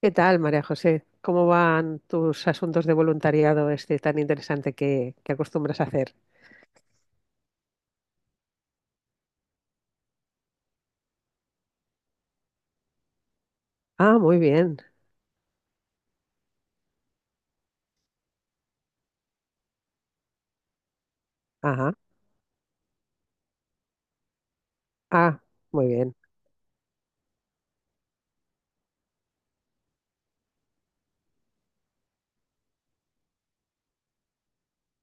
¿Qué tal, María José? ¿Cómo van tus asuntos de voluntariado este tan interesante que acostumbras a hacer? Ah, muy bien. Ajá. Ah, muy bien.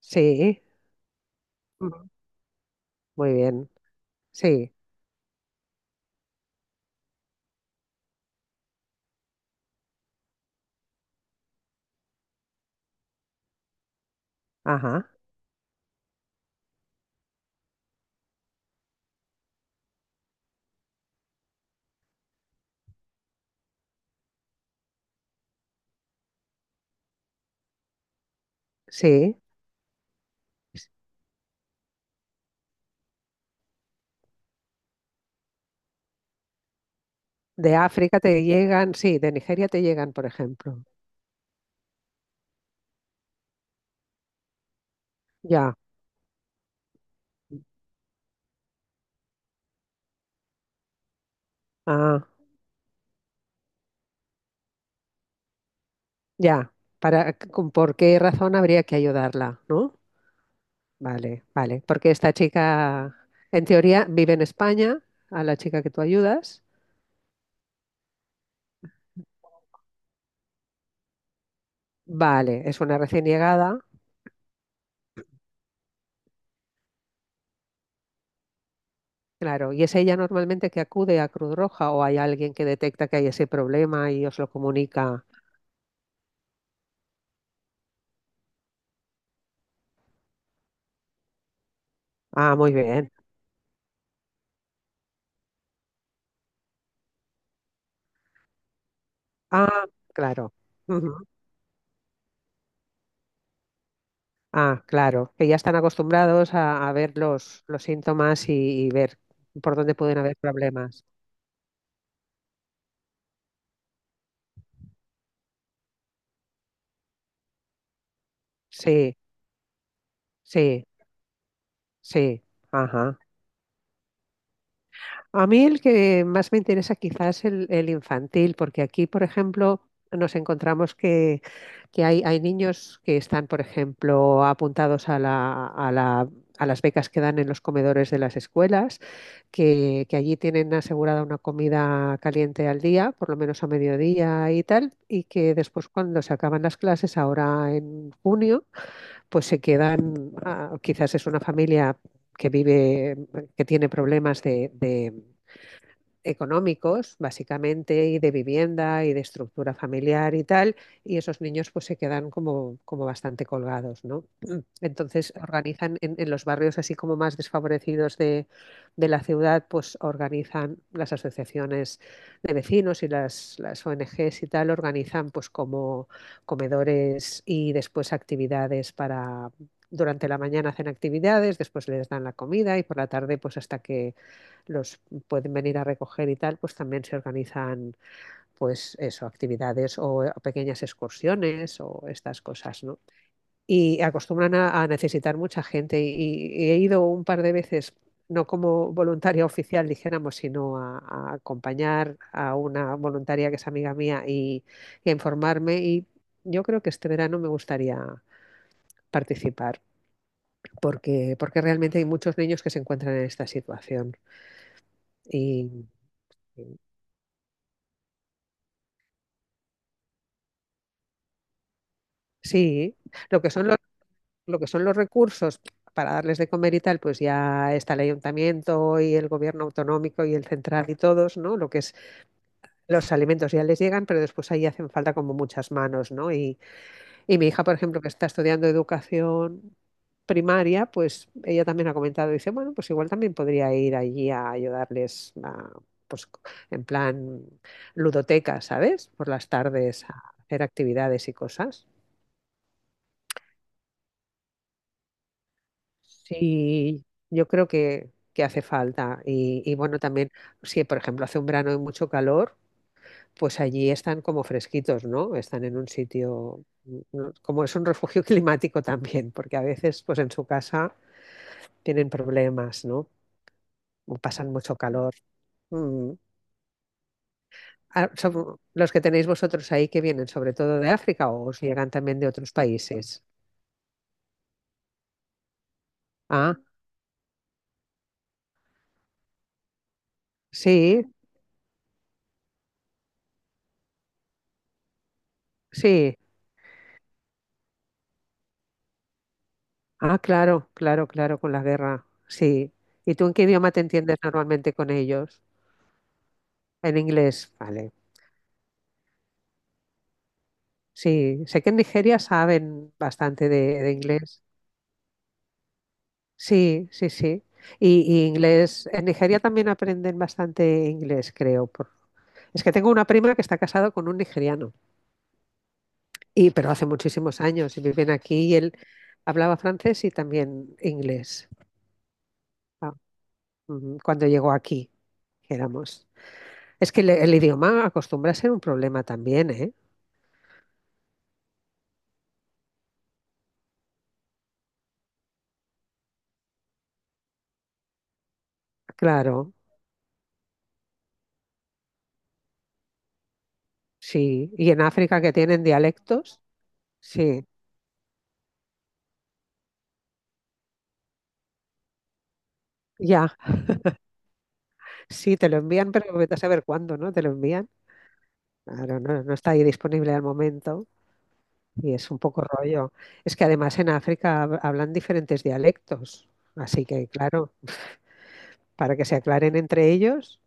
Sí. Ujú. Muy bien. Sí. Ajá. Sí. De África te llegan, sí, de Nigeria te llegan, por ejemplo. Ya. Ah, ya. ¿Por qué razón habría que ayudarla, ¿no? Vale, vale. Porque esta chica, en teoría, vive en España, a la chica que tú ayudas. Vale, es una recién llegada, claro, y es ella normalmente que acude a Cruz Roja o hay alguien que detecta que hay ese problema y os lo comunica. Ah, muy bien. Ah, claro. Ujú. Ah, claro, que ya están acostumbrados a ver los síntomas y ver por dónde pueden haber problemas. Sí, sí, sí. Ajá. A mí el que más me interesa quizás es el infantil, porque aquí, por ejemplo, nos encontramos que hay niños que están, por ejemplo, apuntados a a las becas que dan en los comedores de las escuelas, que allí tienen asegurada una comida caliente al día, por lo menos a mediodía y tal, y que después cuando se acaban las clases, ahora en junio, pues se quedan, ah, quizás es una familia que vive, que tiene problemas de, económicos, básicamente, y de vivienda y de estructura familiar y tal, y esos niños pues se quedan como, como bastante colgados, ¿no? Entonces organizan en los barrios así como más desfavorecidos de la ciudad, pues organizan las asociaciones de vecinos y las ONGs y tal, organizan pues como comedores y después actividades para... Durante la mañana hacen actividades, después les dan la comida y por la tarde pues hasta que los pueden venir a recoger y tal, pues también se organizan, pues eso, actividades o pequeñas excursiones o estas cosas, ¿no? Y acostumbran a necesitar mucha gente y he ido un par de veces no como voluntaria oficial, dijéramos, sino a acompañar a una voluntaria que es amiga mía y a informarme. Y yo creo que este verano me gustaría participar, porque, porque realmente hay muchos niños que se encuentran en esta situación y, sí, lo que son los, lo que son los recursos para darles de comer y tal, pues ya está el ayuntamiento y el gobierno autonómico y el central y todos, ¿no? Lo que es los alimentos ya les llegan, pero después ahí hacen falta como muchas manos, ¿no? Y mi hija, por ejemplo, que está estudiando educación primaria, pues ella también ha comentado, dice, bueno, pues igual también podría ir allí a ayudarles a, pues en plan ludoteca, ¿sabes? Por las tardes a hacer actividades y cosas. Sí, yo creo que hace falta. Y bueno, también, si por ejemplo hace un verano de mucho calor, pues allí están como fresquitos, ¿no? Están en un sitio, como es un refugio climático también, porque a veces pues en su casa tienen problemas, ¿no? O pasan mucho calor. Mm. Ah, son los que tenéis vosotros ahí que vienen sobre todo de África o os llegan también de otros países. Ah, sí, sí. Ah, claro, claro, claro, con la guerra. Sí. ¿Y tú en qué idioma te entiendes normalmente con ellos? En inglés, vale. Sí, sé que en Nigeria saben bastante de inglés. Sí, sí, sí. Y inglés, en Nigeria también aprenden bastante inglés, creo. Es que tengo una prima que está casada con un nigeriano, y, pero hace muchísimos años y viven aquí y él hablaba francés y también inglés. Ah, ujú, cuando llegó aquí, éramos. Es que el idioma acostumbra a ser un problema también, ¿eh? Claro, sí. Y en África que tienen dialectos, sí. Ya, sí, te lo envían, pero vete a saber cuándo, ¿no? Te lo envían. Claro, no, no está ahí disponible al momento y es un poco rollo. Es que además en África hablan diferentes dialectos, así que claro, para que se aclaren entre ellos.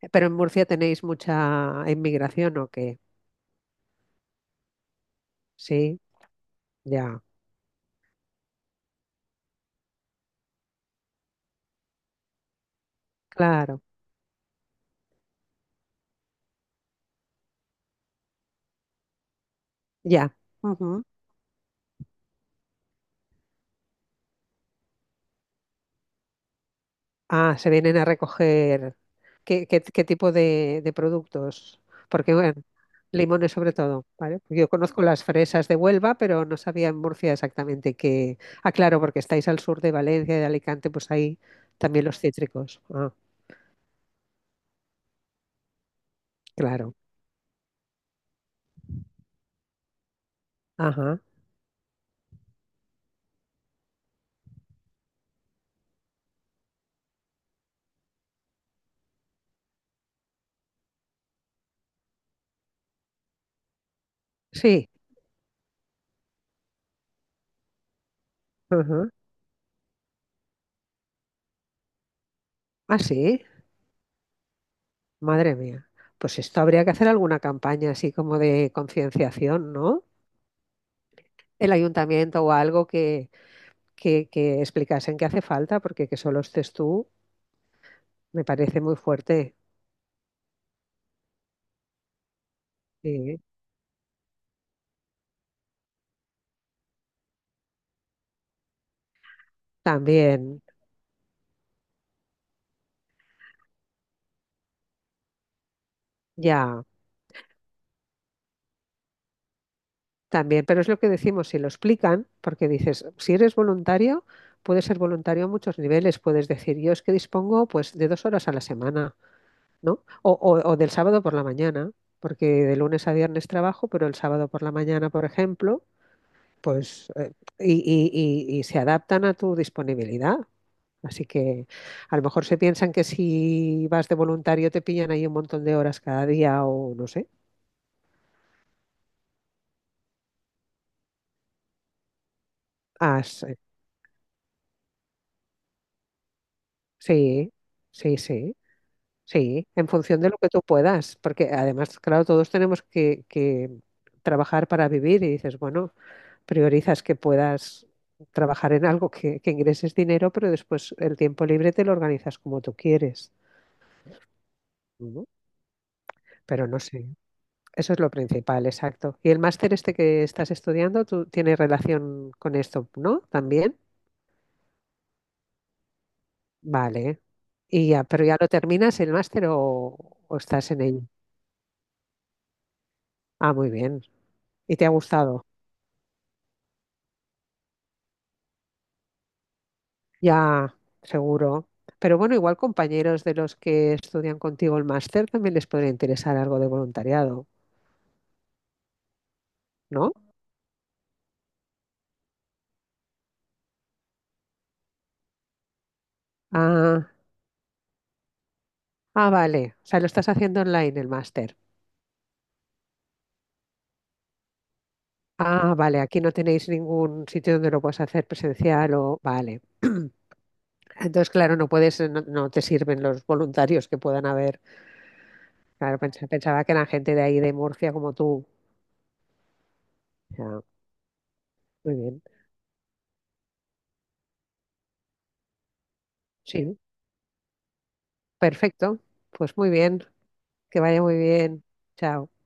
Pero en Murcia tenéis mucha inmigración, ¿o qué? Sí, ya, claro, ya. Ujú. Ah, se vienen a recoger. ¿Qué tipo de productos? Porque, bueno, limones sobre todo, ¿vale? Yo conozco las fresas de Huelva, pero no sabía en Murcia exactamente qué. Ah, claro, porque estáis al sur de Valencia y de Alicante, pues ahí también los cítricos. Ah, claro. Ajá. Sí. Ajá. Ah, sí. Madre mía. Pues esto habría que hacer alguna campaña así como de concienciación, ¿no? El ayuntamiento o algo que explicasen que hace falta, porque que solo estés tú me parece muy fuerte. Sí. También, ya, también, pero es lo que decimos, si lo explican, porque dices, si eres voluntario, puedes ser voluntario a muchos niveles, puedes decir, yo es que dispongo pues de 2 horas a la semana, ¿no? O del sábado por la mañana, porque de lunes a viernes trabajo, pero el sábado por la mañana, por ejemplo, pues, y se adaptan a tu disponibilidad. Así que a lo mejor se piensan que si vas de voluntario te pillan ahí un montón de horas cada día o no sé. Sí, sí, sí, sí, en función de lo que tú puedas, porque además, claro, todos tenemos que trabajar para vivir y dices, bueno, priorizas que puedas trabajar en algo que ingreses dinero, pero después el tiempo libre te lo organizas como tú quieres. Ujú. Pero no sé, eso es lo principal, exacto. Y el máster este que estás estudiando, tú tienes relación con esto, ¿no? También, vale. Y ya, pero ya lo terminas el máster o estás en ello. Ah, muy bien. Y te ha gustado. Ya, seguro. Pero bueno, igual compañeros de los que estudian contigo el máster también les podría interesar algo de voluntariado, ¿no? Ah, ah, vale. O sea, lo estás haciendo online el máster. Ah, vale. Aquí no tenéis ningún sitio donde lo puedas hacer presencial o... Vale. Entonces, claro, no puedes, no, no te sirven los voluntarios que puedan haber. Claro, pensaba que eran gente de ahí, de Murcia, como tú. Ya, muy bien. Sí, perfecto. Pues muy bien. Que vaya muy bien. Chao.